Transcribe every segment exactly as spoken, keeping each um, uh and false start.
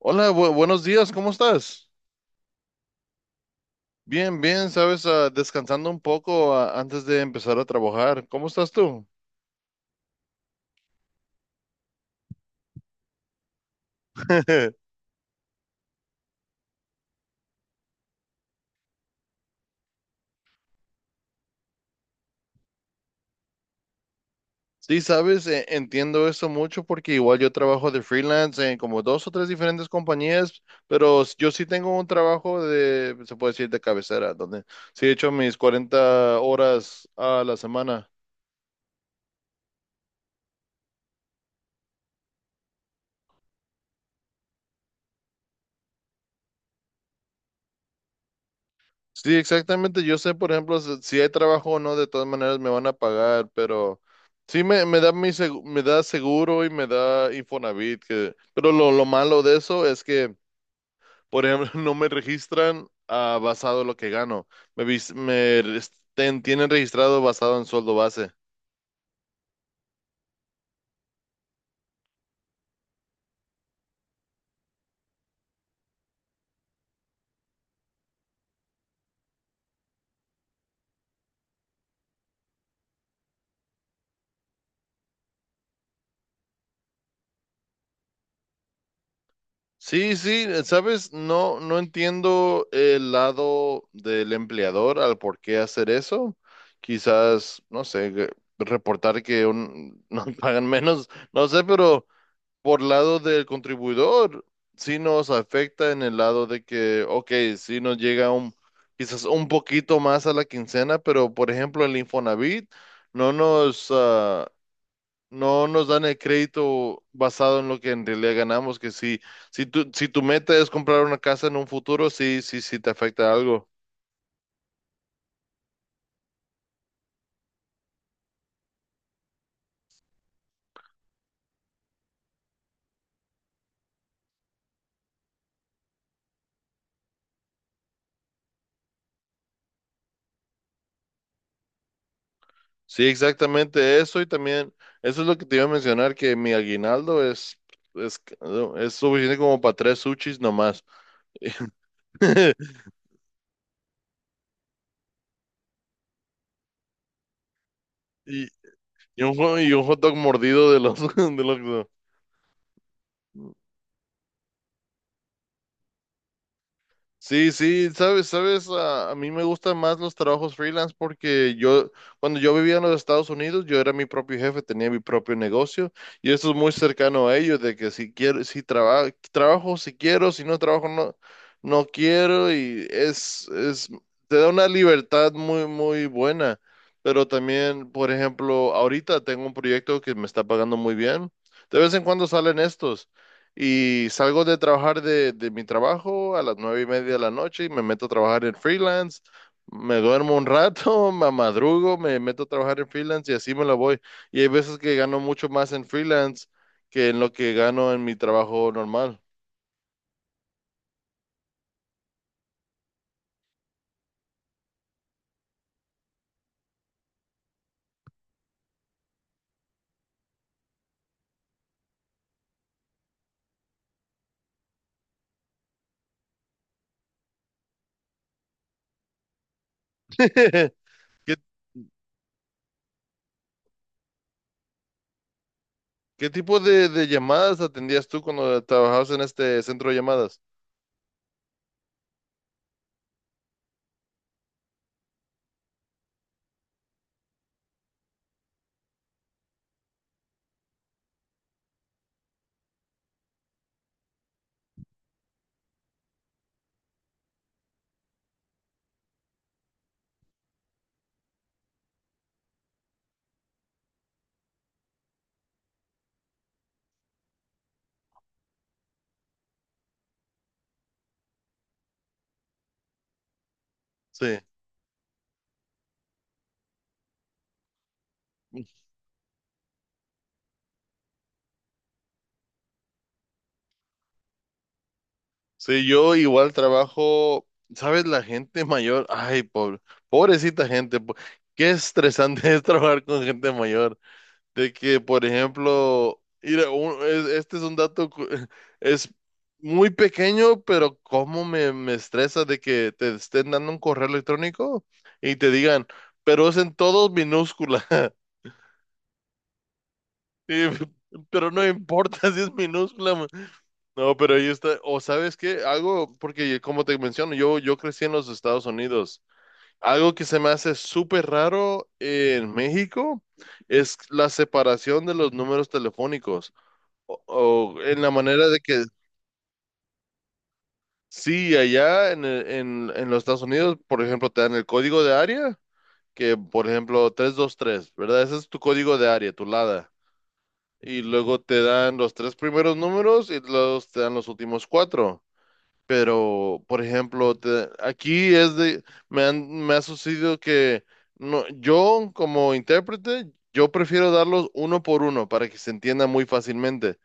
Hola, bu- buenos días, ¿cómo estás? Bien, bien, sabes, Ah, descansando un poco ah, antes de empezar a trabajar. ¿Cómo estás tú? Sí, sabes, eh, entiendo eso mucho porque igual yo trabajo de freelance en como dos o tres diferentes compañías, pero s- yo sí tengo un trabajo de, se puede decir, de cabecera, donde sí he hecho mis cuarenta horas a la semana. Sí, exactamente. Yo sé, por ejemplo, si si hay trabajo o no, de todas maneras me van a pagar, pero sí me, me da mi segu- me da seguro y me da Infonavit, que, pero lo, lo malo de eso es que, por ejemplo, no me registran ah, basado en lo que gano. Me, vis- me res- ten- tienen registrado basado en sueldo base. Sí, sí, eh, sabes, no, no entiendo el lado del empleador al por qué hacer eso. Quizás, no sé, que- reportar que un- nos pagan menos, no sé, pero por lado del contribuidor, sí nos afecta en el lado de que, ok, sí nos llega un, quizás un poquito más a la quincena, pero por ejemplo el Infonavit no nos, ah, no nos dan el crédito basado en lo que en realidad ganamos, que si, si tu, si tu meta es comprar una casa en un futuro, sí, sí, sí te afecta algo. Sí, exactamente eso y también eso es lo que te iba a mencionar, que mi aguinaldo es, es, es suficiente como para tres sushis nomás. Y, y un, hot- y un hot dog mordido de los, de los. Sí, sí, sabes, sabes, a, a mí me gustan más los trabajos freelance porque yo, cuando yo vivía en los Estados Unidos, yo era mi propio jefe, tenía mi propio negocio y eso es muy cercano a ellos, de que si quiero, si traba- trabajo, si quiero, si no trabajo, no, no quiero y es, es, te da una libertad muy, muy buena. Pero también, por ejemplo, ahorita tengo un proyecto que me está pagando muy bien. De vez en cuando salen estos. Y salgo de trabajar de, de mi trabajo a las nueve y media de la noche y me meto a trabajar en freelance. Me duermo un rato, me madrugo, me meto a trabajar en freelance y así me la voy. Y hay veces que gano mucho más en freelance que en lo que gano en mi trabajo normal. ¿Qué, qué tipo de, de llamadas atendías tú cuando trabajabas en este centro de llamadas? Sí. Sí, yo igual trabajo, ¿sabes? La gente mayor, ay, pobre, pobrecita gente, po- qué estresante es trabajar con gente mayor. De que, por ejemplo, mira, un- es- este es un dato, cu- es muy pequeño, pero cómo me, me estresa de que te estén dando un correo electrónico y te digan, pero es en todos minúscula. Y- pero no importa si es minúscula. No, pero ahí está, o sabes qué, algo, porque como te menciono, yo, yo crecí en los Estados Unidos. Algo que se me hace súper raro en México es la separación de los números telefónicos. O, o en la manera de que, sí, allá en, el- en, en los Estados Unidos, por ejemplo, te dan el código de área, que por ejemplo tres dos tres, ¿verdad? Ese es tu código de área, tu LADA. Y luego te dan los tres primeros números y luego te dan los últimos cuatro. Pero, por ejemplo, te- aquí es de, me han, me ha sucedido que no, yo como intérprete, yo prefiero darlos uno por uno para que se entienda muy fácilmente.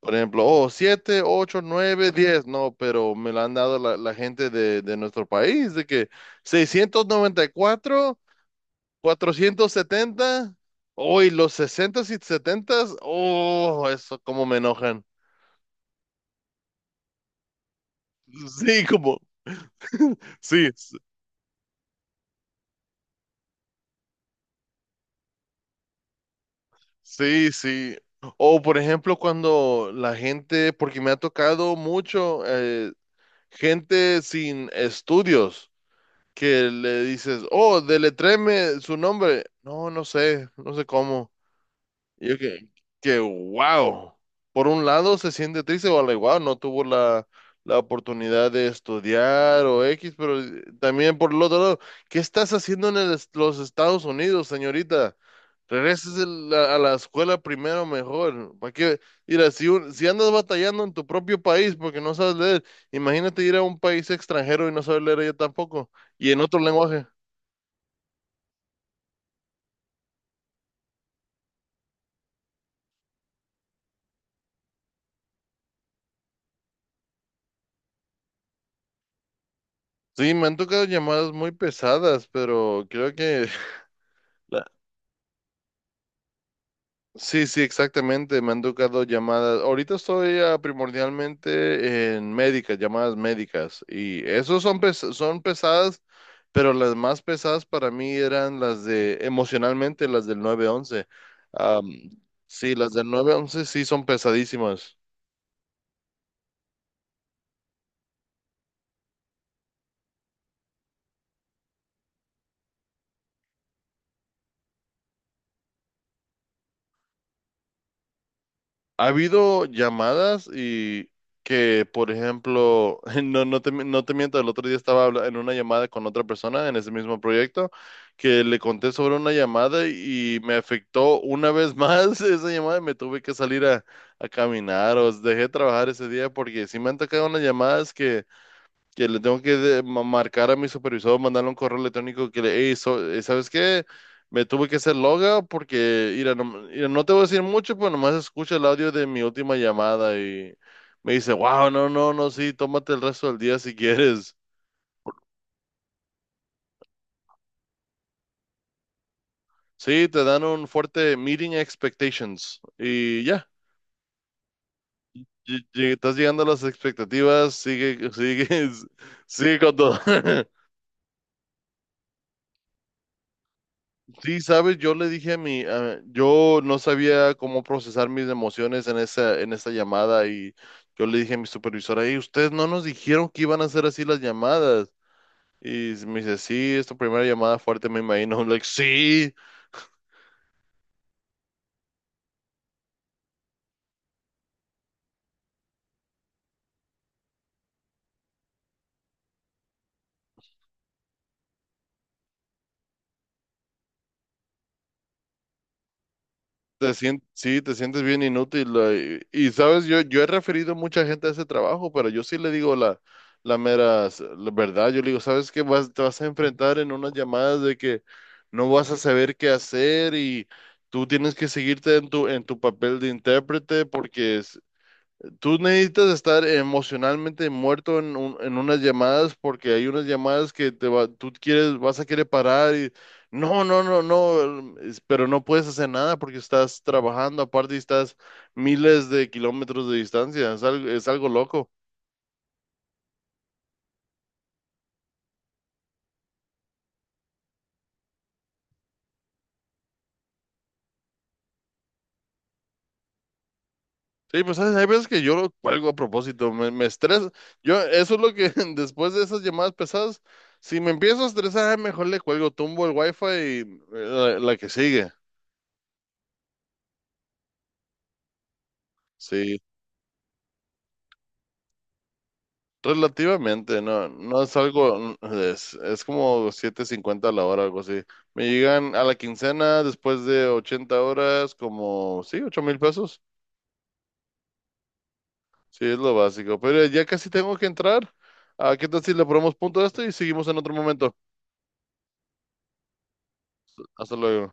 Por ejemplo, oh, siete, ocho, nueve, diez, no, pero me lo han dado la, la gente de, de nuestro país, de que seiscientos noventa y cuatro cuatrocientos setenta hoy los sesenta y setenta, oh, eso como me enojan. Sí, como, sí. Sí, sí. O por ejemplo, cuando la gente, porque me ha tocado mucho, eh, gente sin estudios, que le dices, oh, deletreme su nombre. No, no sé, no sé cómo. Y yo que, que wow. Por un lado se siente triste, o igual no tuvo la, la oportunidad de estudiar o X, pero eh, también por el otro lado, ¿qué estás haciendo en el est- los Estados Unidos, señorita? Regreses el- a, a la escuela primero mejor. ¿Para qué? Mira, si, un- si andas batallando en tu propio país porque no sabes leer, imagínate ir a un país extranjero y no saber leer yo tampoco. Y en otro lenguaje. Sí, me han tocado llamadas muy pesadas, pero creo que. Sí, sí, exactamente. Me han tocado llamadas. Ahorita estoy ah, primordialmente en médicas, llamadas médicas. Y esos son, pes- son pesadas, pero las más pesadas para mí eran las de emocionalmente, las del nueve once. Am, sí, las del nueve once sí son pesadísimas. Ha habido llamadas y que, por ejemplo, no, no te, mi- no te miento, el otro día estaba habla- en una llamada con otra persona en ese mismo proyecto, que le conté sobre una llamada y me afectó una vez más esa llamada y me tuve que salir a, a caminar, o dejé trabajar ese día porque sí me han tocado unas llamadas que le tengo que de- ma- marcar a mi supervisor, mandarle un correo electrónico que le, "Ey, so- eh, ¿sabes qué? Me tuve que hacer logout porque, mira, no, mira, no te voy a decir mucho, pero nomás escucha el audio de mi última llamada". Y me dice, wow, no, no, no, sí, tómate el resto del día si quieres. Sí, te dan un fuerte meeting expectations y ya, ll- ll- estás llegando a las expectativas, sigue, sigue, sigue con todo. Sí, sabes, yo le dije a mi, a- yo no sabía cómo procesar mis emociones en esa, en esa llamada y yo le dije a mi supervisora, hey, ustedes no nos dijeron que iban a hacer así las llamadas. Y me dice, sí, es tu primera llamada fuerte, me imagino. like, sí. Te sien- sí, te sientes bien inútil. eh, Y, y, sabes, yo, yo he referido mucha gente a ese trabajo, pero yo sí le digo la, la mera s- la verdad. Yo le digo, ¿sabes qué? Vas, te vas a enfrentar en unas llamadas de que no vas a saber qué hacer y tú tienes que seguirte en tu, en tu papel de intérprete porque es- Tú necesitas estar emocionalmente muerto en, un- en unas llamadas porque hay unas llamadas que te va, tú quieres, vas a querer parar y no, no, no, no, es- pero no puedes hacer nada porque estás trabajando aparte y estás miles de kilómetros de distancia, es algo, es algo loco. Sí, pues ¿sabes? Hay veces que yo lo cuelgo a propósito, me, me estresa. Yo, eso es lo que después de esas llamadas pesadas, si me empiezo a estresar, ay, mejor le cuelgo, tumbo el wifi y eh, la la que sigue. Sí. Relativamente, no, no es algo, mm, es, es como siete cincuenta a la hora, algo así. Me llegan a la quincena después de ochenta horas, como, sí, ocho mil pesos. Sí, es lo básico. Pero ya casi tengo que entrar. Ah, ¿qué tal si le ponemos punto a esto y seguimos en otro momento? Hasta luego.